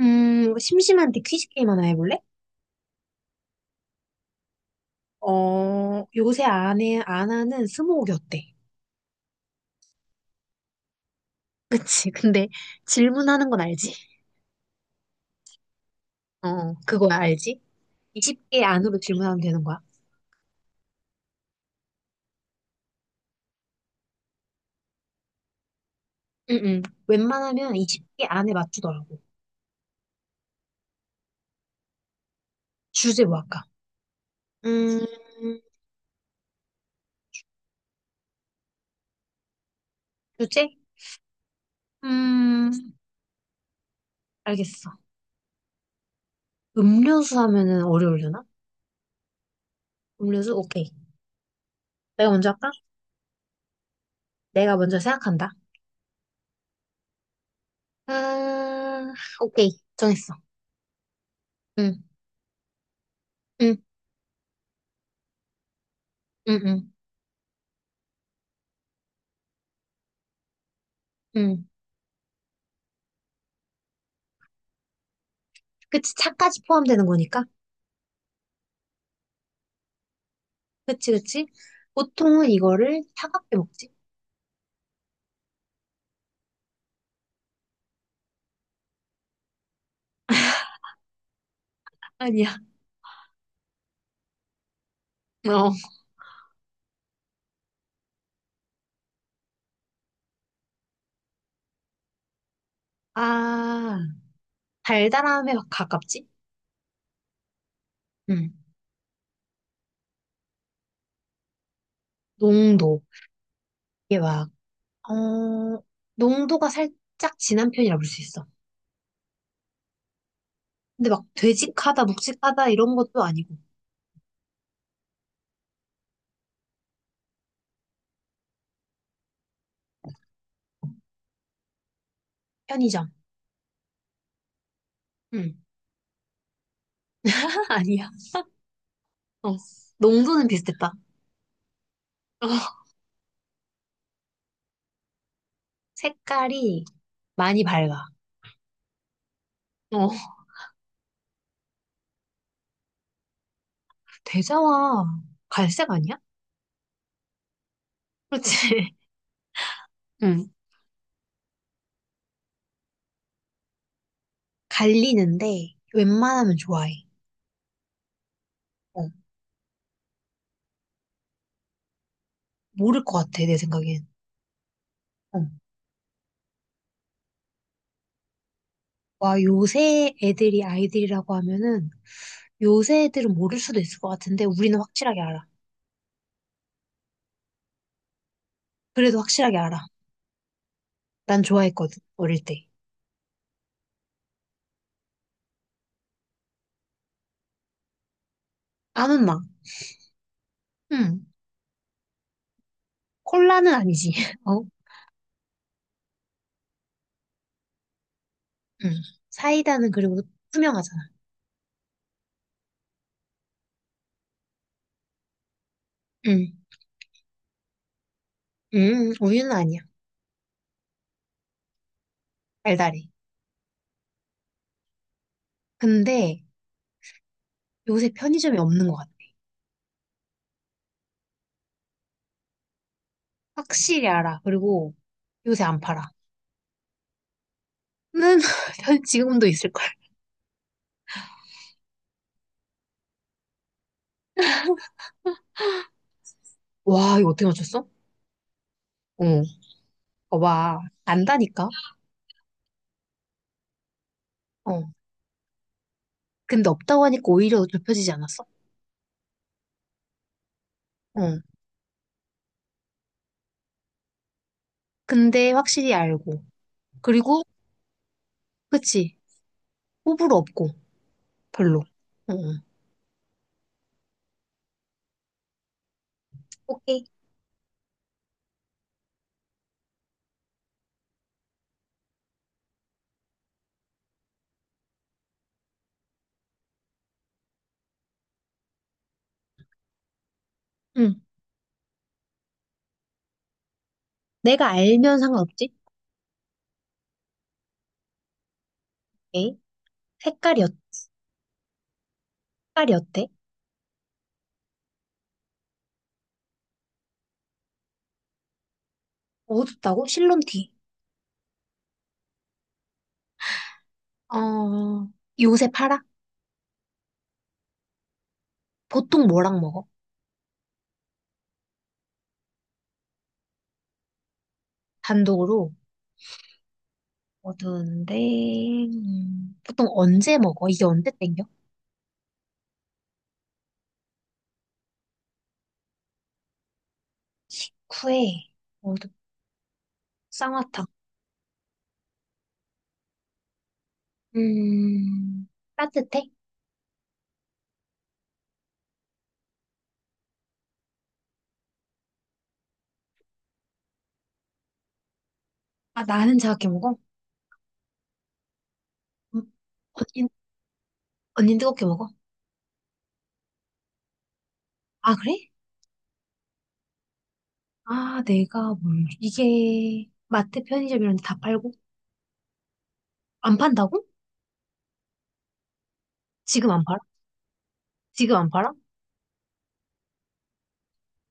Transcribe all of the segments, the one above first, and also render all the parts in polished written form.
뭐 심심한데 퀴즈 게임 하나 해볼래? 어, 요새 안 하는 스무고개 어때? 그치. 근데 질문하는 건 알지? 어, 그거야, 알지? 20개 안으로 질문하면 되는 거야. 응, 응. 웬만하면 20개 안에 맞추더라고. 주제 뭐 할까? 음, 주제? 음, 알겠어. 음료수 하면은 어려우려나? 음료수? 오케이. 내가 먼저 할까? 내가 먼저 생각한다. 아, 오케이. 정했어. 응, 응, 응, 응, 응. 그치, 차까지 포함되는 거니까. 그치, 그치. 보통은 이거를 차갑게 먹지? 아니야. 어. 아, 달달함에 막 가깝지? 응. 농도. 이게 막, 어, 농도가 살짝 진한 편이라 볼 수 있어. 근데 막 되직하다, 묵직하다 이런 것도 아니고. 편의점. 응. 아니야. 어. 농도는 비슷했다. 어. 색깔이 많이 밝아. 어. 대자와 갈색 아니야? 그렇지. 응. 갈리는데 웬만하면 좋아해. 어, 모를 것 같아, 내 생각엔. 어. 와, 요새 애들이 아이들이라고 하면은 요새 애들은 모를 수도 있을 것 같은데 우리는 확실하게 알아. 그래도 확실하게 알아. 난 좋아했거든, 어릴 때. 아문나. 응. 콜라는 아니지. 어? 응. 사이다는 그리고 투명하잖아. 응. 응, 우유는 아니야. 달달해. 근데 요새 편의점이 없는 것 같아. 확실히 알아. 그리고 요새 안 팔아. 는 편- 지금도 있을걸. 와, 이거 어떻게 맞췄어? 어, 봐봐. 안다니까? 어. 근데 없다고 하니까 오히려 좁혀지지 않았어? 어. 근데 확실히 알고. 그리고, 그치. 호불호 없고, 별로. 어, 어. 오케이. 응. 내가 알면 상관없지? 오케이. 색깔이, 어- 색깔이 어때? 어둡다고? 실론티. 어, 요새 팔아? 보통 뭐랑 먹어? 단독으로. 어두운데, 보통 언제 먹어? 이게 언제 땡겨? 쿠에, 어둡, 쌍화탕. 음, 따뜻해? 아, 나는 차갑게 먹어? 음, 언니, 언니 뜨겁게 먹어? 아, 그래? 아, 내가 뭘, 이게, 마트 편의점 이런 데 다 팔고? 안 판다고? 지금 안 팔아? 지금 안 팔아?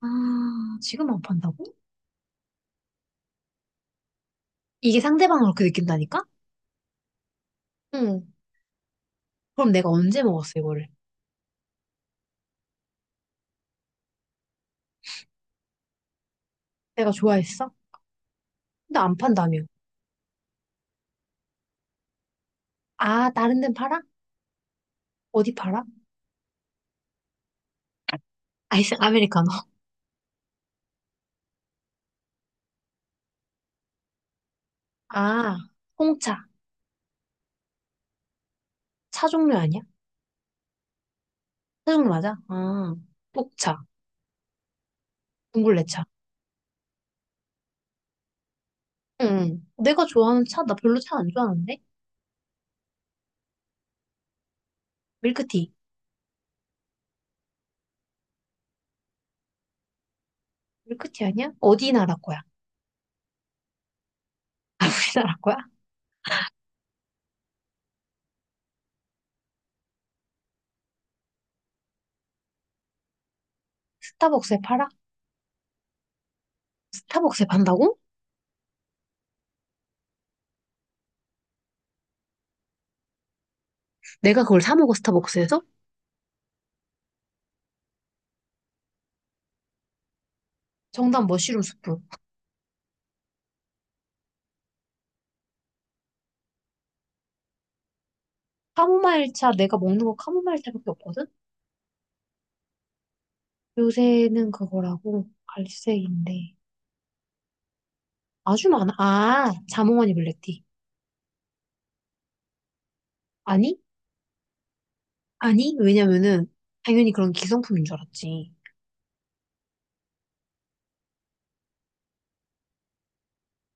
아, 지금 안 판다고? 이게 상대방을 그렇게 느낀다니까? 응. 그럼 내가 언제 먹었어, 이거를? 내가 좋아했어? 근데 안 판다며. 아, 다른 데는 팔아? 어디 팔아? 아이스 아메리카노. 아, 홍차. 차 종류 아니야? 차 종류 맞아? 아, 녹차. 둥글레차. 응. 내가 좋아하는 차, 나 별로 차 안 좋아하는데? 밀크티. 밀크티 아니야? 어디 나라 거야? 우리나라 거야? 스타벅스에 팔아? 스타벅스에 판다고? 내가 그걸 사 먹어, 스타벅스에서? 정답 머쉬룸 수프. 카모마일 차, 내가 먹는 거 카모마일 차밖에 없거든? 요새는 그거라고 갈색인데. 아주 많아. 아, 자몽하니 블랙티. 아니? 아니? 왜냐면은, 당연히 그런 기성품인 줄 알았지.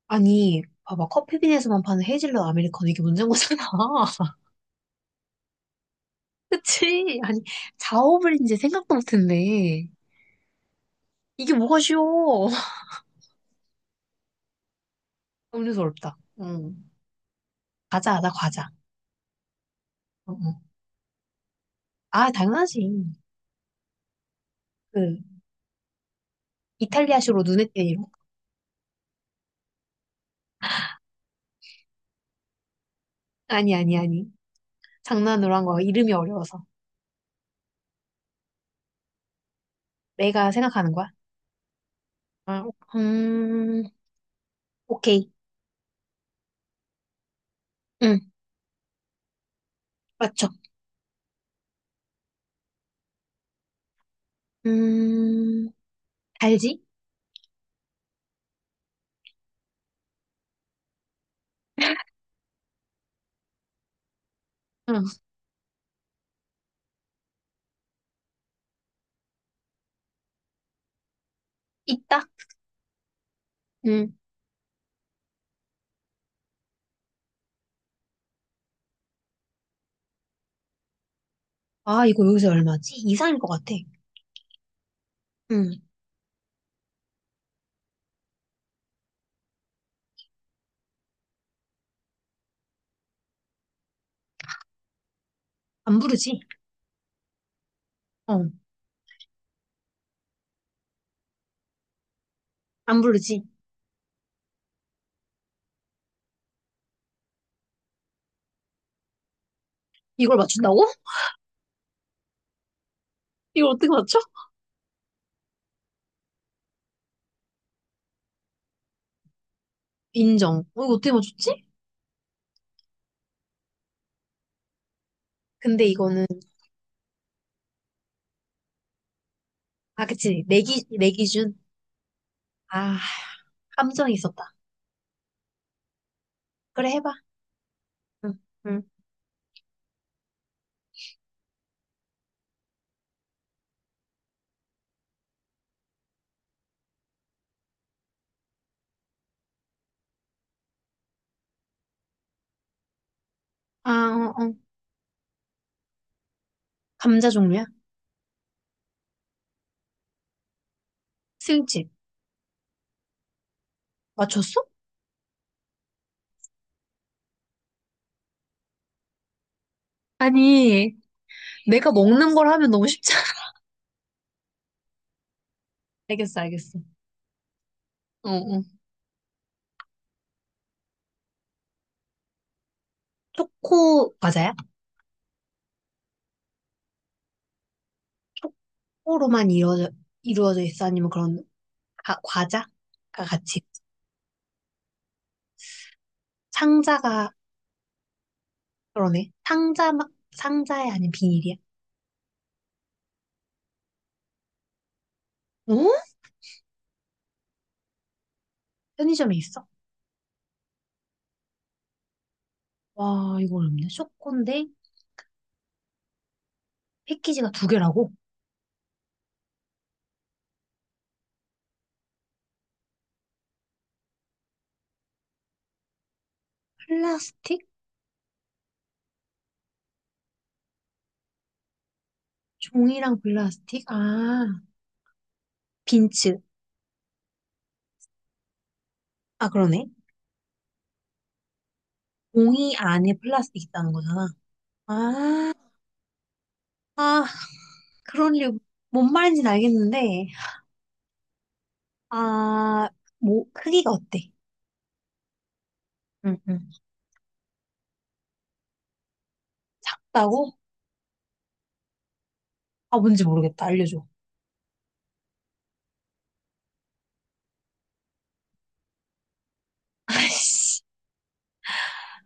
아니, 봐봐. 커피빈에서만 파는 헤이즐넛 아메리카노 이게 문제인 거잖아. 그치? 아니, 자업을 이제 생각도 못했네. 이게 뭐가 쉬워. 음료수 어렵다. 응. 과자, 나 과자. 응, 응. 아, 당연하지. 그, 이탈리아식으로 눈에 띄는 이름. 아니, 아니, 아니. 장난으로 한 거야. 이름이 어려워서. 내가 생각하는 거야. 아, 음, 오케이. 응, 맞죠. 음, 알지? 응, 있다. 응. 아, 이거 여기서 얼마지? 이상일 것 같아. 응, 안 부르지? 어, 안 부르지. 이걸 맞춘다고? 이걸 어떻게 맞춰? 인정. 어, 이거 어떻게 맞췄지? 근데 이거는, 아, 그치. 내 기준. 아, 감정이 있었다. 그래, 해봐. 응, 응. 아, 어, 어. 감자 종류야? 스윙칩. 맞췄어? 아니, 내가 먹는 걸 하면 너무 쉽지 않아. 알겠어, 알겠어. 어, 어. 초코 과자야? 초코로만 이루어져, 이루어져 있어? 아니면 그런 과자가 같이 상자가 그러네 상자 막 상자에 아닌 비닐이야? 어? 편의점에 있어? 와 이거 어렵네 초코인데 패키지가 두 개라고? 플라스틱? 종이랑 플라스틱? 아, 빈츠. 아, 그러네. 종이 안에 플라스틱 있다는 거잖아. 아, 아, 그런 일뭔 말인지는 알겠는데, 아, 뭐, 크기가 어때? 응, 응. 다고 아, 뭔지 모르겠다. 알려줘. 아이씨.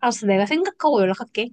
알았어, 내가 생각하고 연락할게.